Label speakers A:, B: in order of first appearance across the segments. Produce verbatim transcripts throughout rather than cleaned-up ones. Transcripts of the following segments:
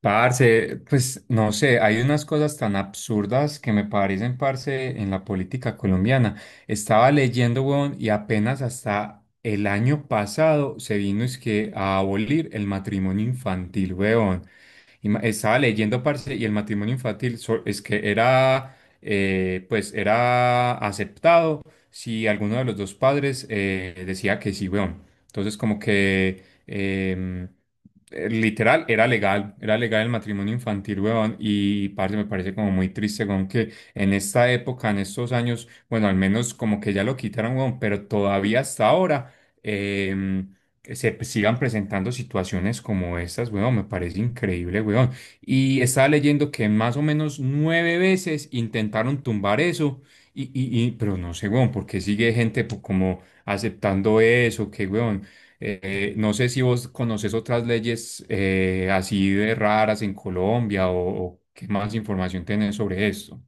A: Parce, pues no sé, hay unas cosas tan absurdas que me parecen, parce, en la política colombiana. Estaba leyendo, weón, y apenas hasta el año pasado se vino es que a abolir el matrimonio infantil, weón. Y ma- estaba leyendo, parce, y el matrimonio infantil so- es que era, eh, pues era aceptado si alguno de los dos padres eh, decía que sí, weón. Entonces, como que em, eh, Literal, era legal, era legal el matrimonio infantil, weón, y parce, me parece como muy triste, weón, que en esta época, en estos años, bueno, al menos como que ya lo quitaron, weón, pero todavía hasta ahora eh, se sigan presentando situaciones como estas, weón, me parece increíble, weón. Y estaba leyendo que más o menos nueve veces intentaron tumbar eso, y, y, y- pero no sé, weón, porque sigue gente pues, como aceptando eso, que, weón. Eh, no sé si vos conoces otras leyes eh, así de raras en Colombia o, o qué más información tenés sobre esto.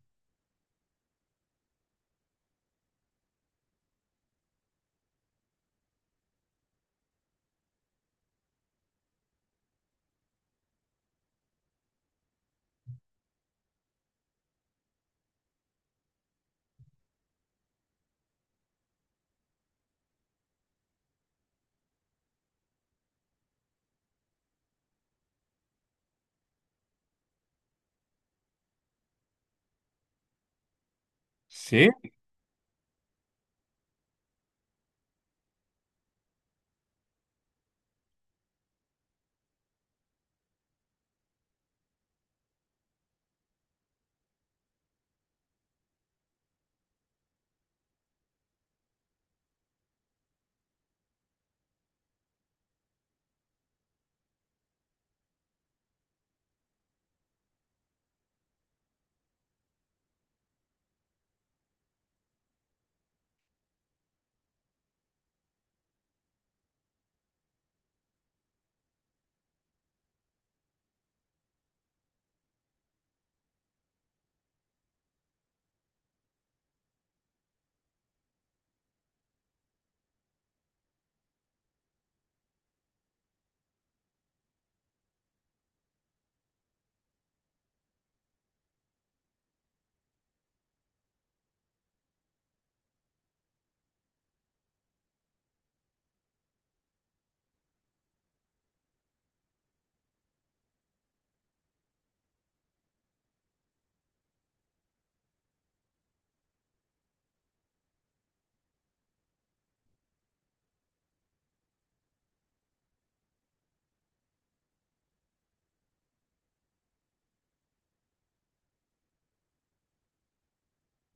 A: Sí.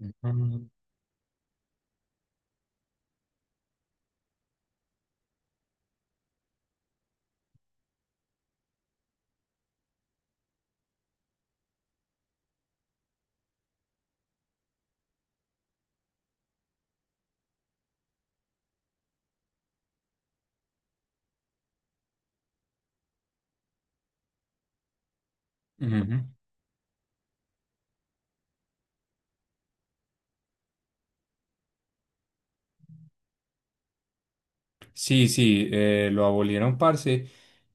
A: Ujú, ujú. Sí, sí, eh, lo abolieron, parce.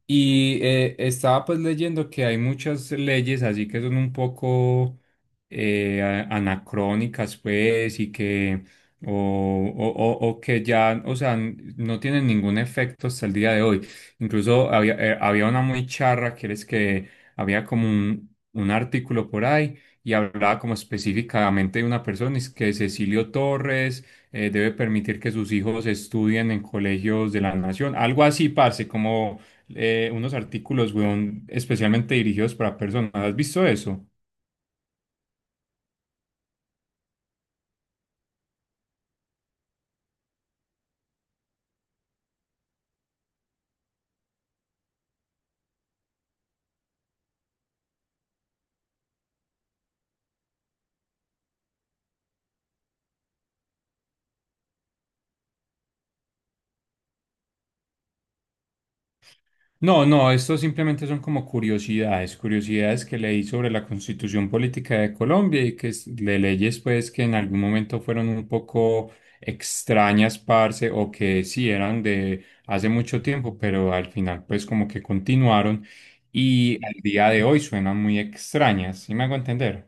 A: Y eh, estaba pues leyendo que hay muchas leyes así que son un poco eh, a- anacrónicas, pues, y que, o, o- o- o que ya, o sea, n- no tienen ningún efecto hasta el día de hoy. Incluso había, eh, había una muy charra, que es que había como un, un artículo por ahí y hablaba como específicamente de una persona, es que Cecilio Torres eh, debe permitir que sus hijos estudien en colegios de la nación. Algo así, parce, como eh, unos artículos, weón, especialmente dirigidos para personas. ¿Has visto eso? No, no, estos simplemente son como curiosidades, curiosidades que leí sobre la Constitución Política de Colombia y que es- de leyes pues que en algún momento fueron un poco extrañas, parce, o que sí eran de hace mucho tiempo, pero al final pues como que continuaron y al día de hoy suenan muy extrañas. ¿Sí me hago entender?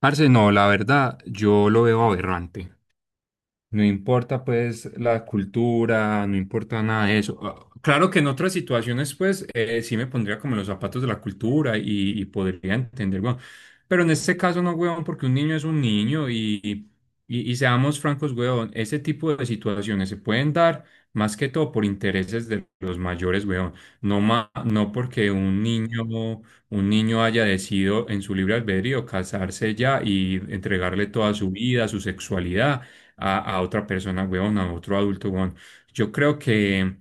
A: Parce, no, la verdad, yo lo veo aberrante. No importa pues la cultura, no importa nada de eso. Ah, claro que en otras situaciones pues eh, sí me pondría como en los zapatos de la cultura y, y podría entender, weón. Pero en este caso no, weón, porque un niño es un niño y, y, y seamos francos, weón, ese tipo de situaciones se pueden dar más que todo por intereses de los mayores, weón. No, ma- no porque un niño, un niño haya decidido en su libre albedrío casarse ya y entregarle toda su vida, su sexualidad a, a otra persona, weón, a otro adulto, weón. Yo creo que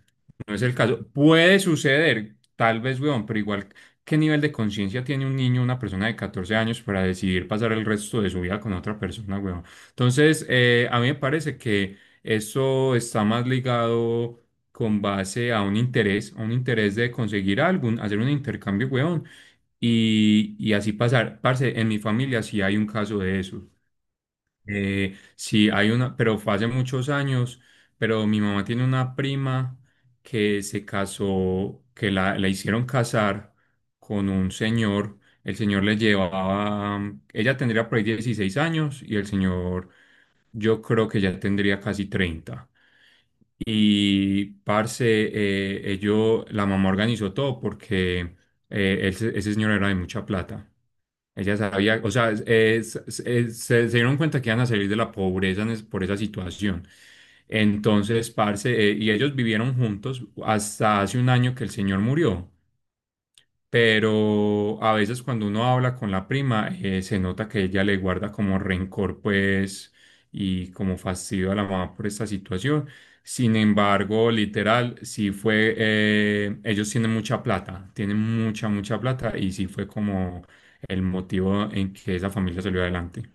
A: no es el caso. Puede suceder, tal vez, weón, pero igual, ¿qué nivel de conciencia tiene un niño, una persona de catorce años para decidir pasar el resto de su vida con otra persona, weón? Entonces, eh, a mí me parece que eso está más ligado con base a un interés, a un interés de conseguir algo, hacer un intercambio, weón, y, y así pasar. Parce, en mi familia sí hay un caso de eso. Eh, sí, hay una, pero fue hace muchos años, pero mi mamá tiene una prima que se casó, que la, la hicieron casar con un señor. El señor le llevaba, mm, ella tendría por ahí dieciséis años y el señor yo creo que ya tendría casi treinta. Y parce, eh, ello- la mamá organizó todo porque eh, ese ese señor era de mucha plata. Ella sabía, o sea, eh, se, se- se dieron cuenta que iban a salir de la pobreza en es- por esa situación. Entonces, parce, eh, y ellos vivieron juntos hasta hace un año que el señor murió, pero a veces cuando uno habla con la prima, eh, se nota que ella le guarda como rencor, pues, y como fastidio a la mamá por esta situación. Sin embargo, literal, sí fue, eh, ellos tienen mucha plata, tienen mucha, mucha plata, y sí fue como el motivo en que esa familia salió adelante.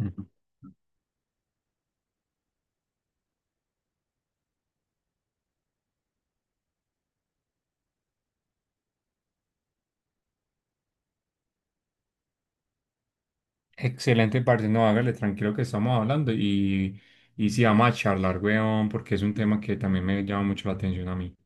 A: Ujú. Excelente, parce, no, hágale tranquilo que estamos hablando y, y sí, vamos a charlar, weón, porque es un tema que también me llama mucho la atención a mí.